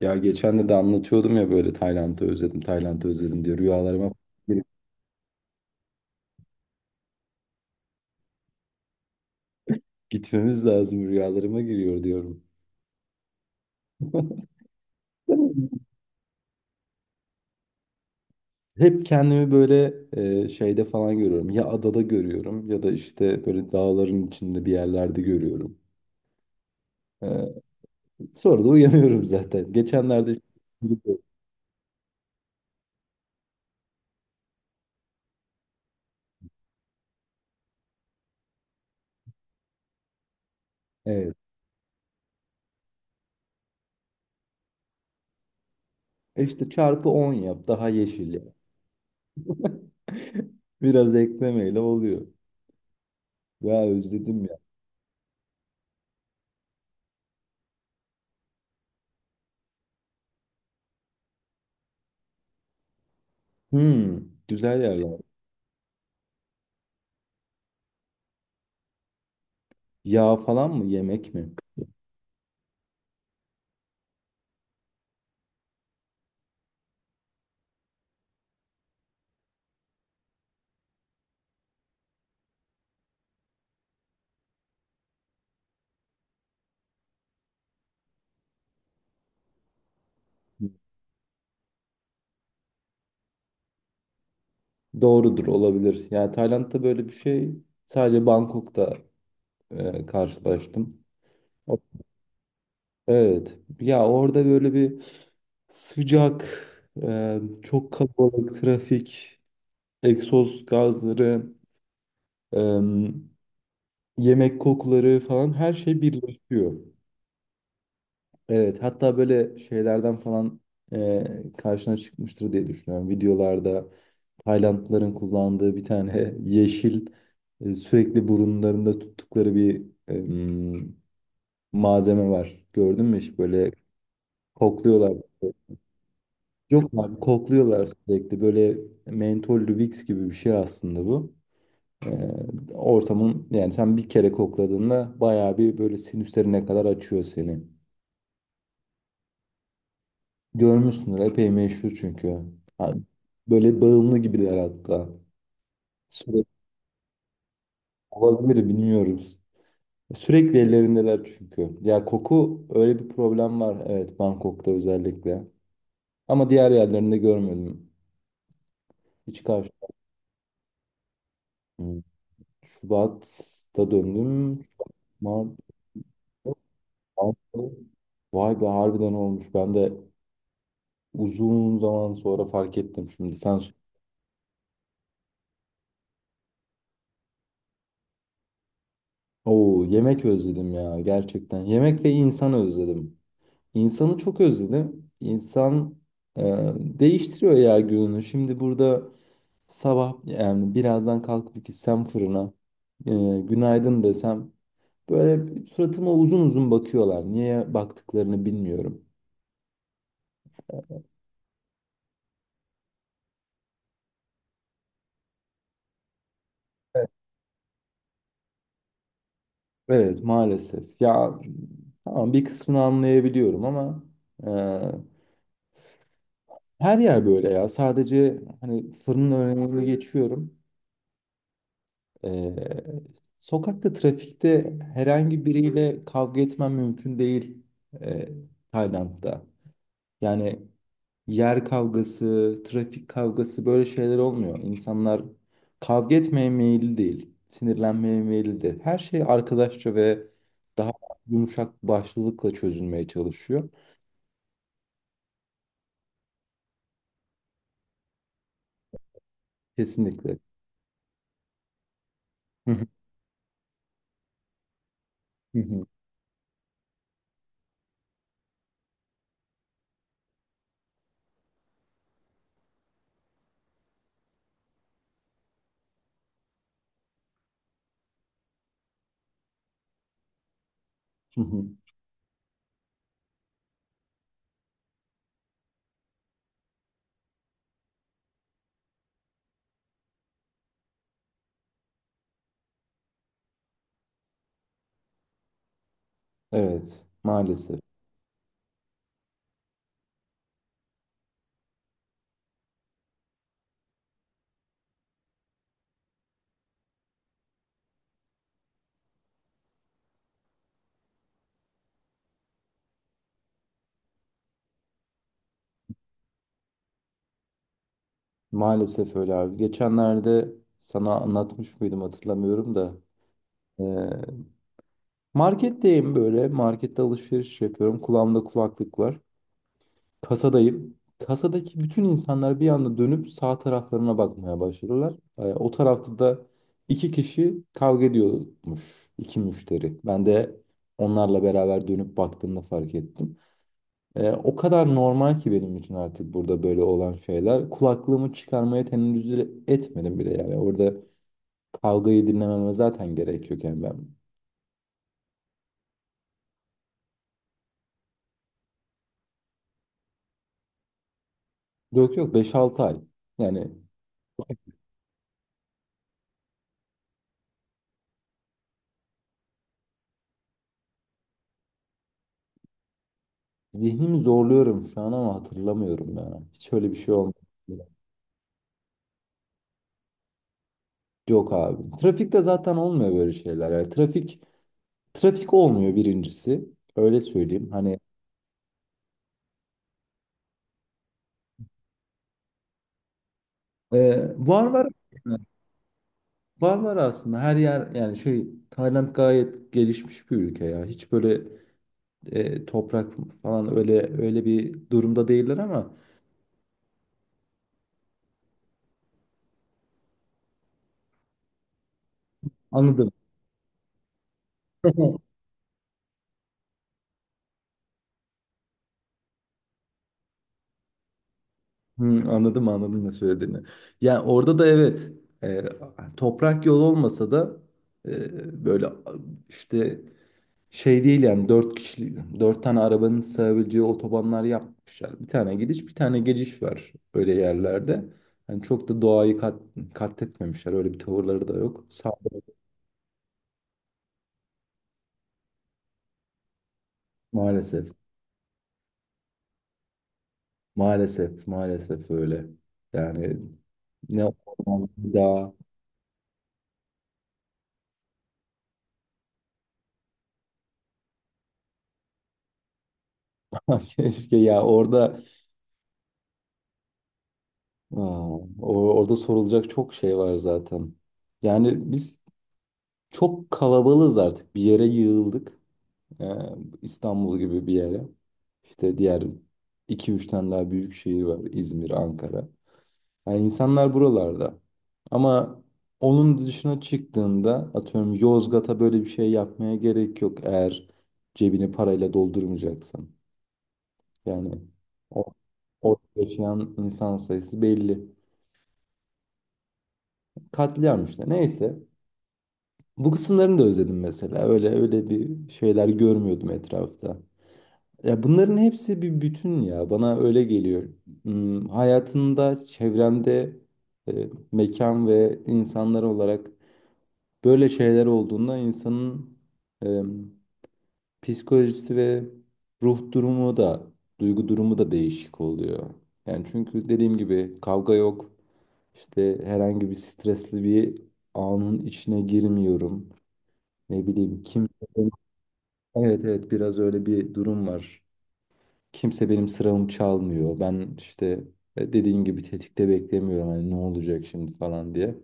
Ya geçen de anlatıyordum ya böyle Tayland'ı özledim, Tayland'ı özledim diyor. Rüyalarıma girip gitmemiz lazım, rüyalarıma giriyor diyorum. Hep kendimi böyle şeyde falan görüyorum. Ya adada görüyorum ya da işte böyle dağların içinde bir yerlerde görüyorum. E, sonra da uyanıyorum zaten. Geçenlerde evet. E işte çarpı 10 yap daha yeşil ya. Biraz eklemeyle oluyor. Ya özledim ya. Hmm, güzel yerler. Yağ falan mı yemek mi? Doğrudur olabilir. Yani Tayland'da böyle bir şey sadece Bangkok'ta karşılaştım. O- Evet. Ya orada böyle bir sıcak, çok kalabalık trafik, egzoz gazları, e, yemek kokuları falan her şey birleşiyor. Evet, hatta böyle şeylerden falan karşına çıkmıştır diye düşünüyorum. Videolarda Taylandlıların kullandığı bir tane yeşil sürekli burunlarında tuttukları bir e, m, malzeme var. Gördün mü hiç? Böyle kokluyorlar. Yok abi, kokluyorlar sürekli. Böyle mentollü Vicks gibi bir şey aslında bu. E, ortamın yani sen bir kere kokladığında bayağı bir böyle sinüslerine kadar açıyor seni. Görmüşsündür. Epey meşhur çünkü. Ha, böyle bağımlı gibiler hatta. Sürekli olabilir, bilmiyoruz. Sürekli ellerindeler çünkü. Ya, koku öyle bir problem var. Evet, Bangkok'ta özellikle. Ama diğer yerlerinde görmedim. Hiç karşı. Hmm. Şubat'ta döndüm. Mart, Mart'ta. Vay be, harbiden olmuş. Ben de uzun zaman sonra fark ettim şimdi. Oo, yemek özledim ya gerçekten. Yemek ve insan özledim. İnsanı çok özledim. İnsan e, değiştiriyor ya gününü. Şimdi burada sabah yani birazdan kalkıp gitsem fırına, e, günaydın desem, böyle suratıma uzun uzun bakıyorlar. Niye baktıklarını bilmiyorum. Evet, maalesef. Ya tamam, bir kısmını anlayabiliyorum ama e, her yer böyle ya. Sadece hani fırının önüne geçiyorum. Ee, sokakta, trafikte herhangi biriyle kavga etmen mümkün değil e, Tayland'da. Yani yer kavgası, trafik kavgası, böyle şeyler olmuyor. İnsanlar kavga etmeye meyilli değil, sinirlenmeye meyillidir. Her şey arkadaşça ve daha yumuşak başlılıkla çözülmeye çalışıyor. Kesinlikle. Hı hı, hı hı, hı hı. Evet, maalesef. Maalesef öyle abi. Geçenlerde sana anlatmış mıydım, hatırlamıyorum da. Ee, marketteyim böyle. Markette alışveriş yapıyorum. Kulağımda kulaklık var. Kasadayım. Kasadaki bütün insanlar bir anda dönüp sağ taraflarına bakmaya başladılar. O tarafta da iki kişi kavga ediyormuş. İki müşteri. Ben de onlarla beraber dönüp baktığımda fark ettim. O kadar normal ki benim için artık burada böyle olan şeyler. Kulaklığımı çıkarmaya tenezzül etmedim bile yani. Orada kavgayı dinlememe zaten gerek yok yani, ben. Yok yok, 5 6 ay. Yani zihnimi zorluyorum şu an ama hatırlamıyorum yani. Hiç öyle bir şey olmadı. Yok abi. Trafikte zaten olmuyor böyle şeyler. Yani trafik, trafik olmuyor birincisi. Öyle söyleyeyim. Hani var var var var aslında her yer, yani şey, Tayland gayet gelişmiş bir ülke ya. Hiç böyle toprak falan öyle öyle bir durumda değiller ama anladım. Hmm, anladım anladım ne söylediğini. Yani orada da evet, e, toprak yol olmasa da böyle işte, şey değil yani, dört kişilik dört tane arabanın sığabileceği otobanlar yapmışlar. Bir tane gidiş, bir tane geliş var öyle yerlerde. Yani çok da doğayı katletmemişler, öyle bir tavırları da yok. Maalesef maalesef maalesef öyle. Yani ne daha keşke ya, orada Aa, orada sorulacak çok şey var zaten. Yani biz çok kalabalığız artık. Bir yere yığıldık. Ee, İstanbul gibi bir yere. İşte diğer iki 3 tane daha büyük şehir var. İzmir, Ankara. Yani insanlar buralarda. Ama onun dışına çıktığında, atıyorum, Yozgat'a böyle bir şey yapmaya gerek yok. Eğer cebini parayla doldurmayacaksan. Yani o, orada yaşayan insan sayısı belli. Katliam işte. Neyse. Bu kısımlarını da özledim mesela. Öyle öyle bir şeyler görmüyordum etrafta. Ya, bunların hepsi bir bütün ya. Bana öyle geliyor. Hayatında, çevrende, mekan ve insanlar olarak böyle şeyler olduğunda insanın e, psikolojisi ve ruh durumu da, duygu durumu da değişik oluyor. Yani çünkü dediğim gibi kavga yok. İşte herhangi bir stresli bir anın içine girmiyorum. Ne bileyim, kimse. Evet evet, biraz öyle bir durum var. Kimse benim sıramı çalmıyor. Ben işte dediğin gibi tetikte beklemiyorum, hani ne olacak şimdi falan diye.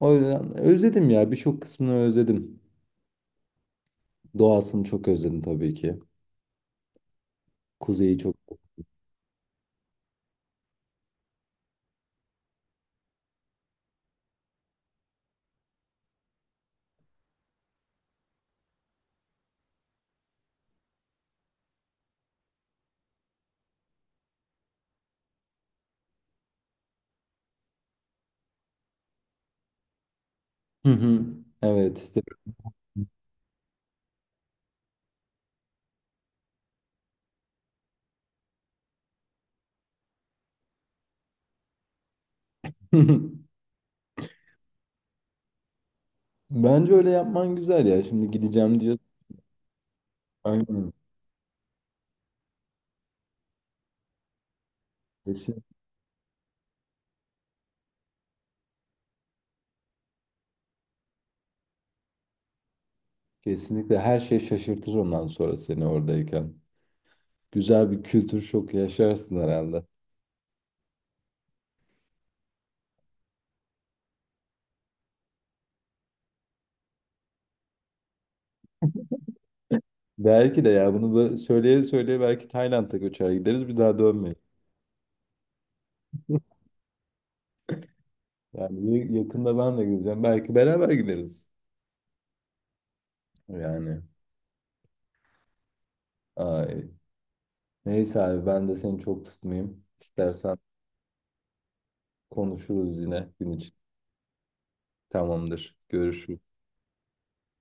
O yüzden özledim ya, birçok kısmını özledim. Doğasını çok özledim tabii ki. Kuzeyi çok. Hı hı. Evet işte. Bence öyle yapman güzel ya. Şimdi gideceğim diyor. Aynen. Kesin, kesinlikle her şey şaşırtır ondan sonra seni oradayken. Güzel bir kültür şoku yaşarsın herhalde. Belki de ya, bunu söyleye söyleye belki Tayland'a göçer gideriz, bir daha dönmeyiz. Yani yakında ben de gideceğim. Belki beraber gideriz. Yani. Ay. Neyse abi, ben de seni çok tutmayayım. İstersen konuşuruz yine gün için. Tamamdır. Görüşürüz.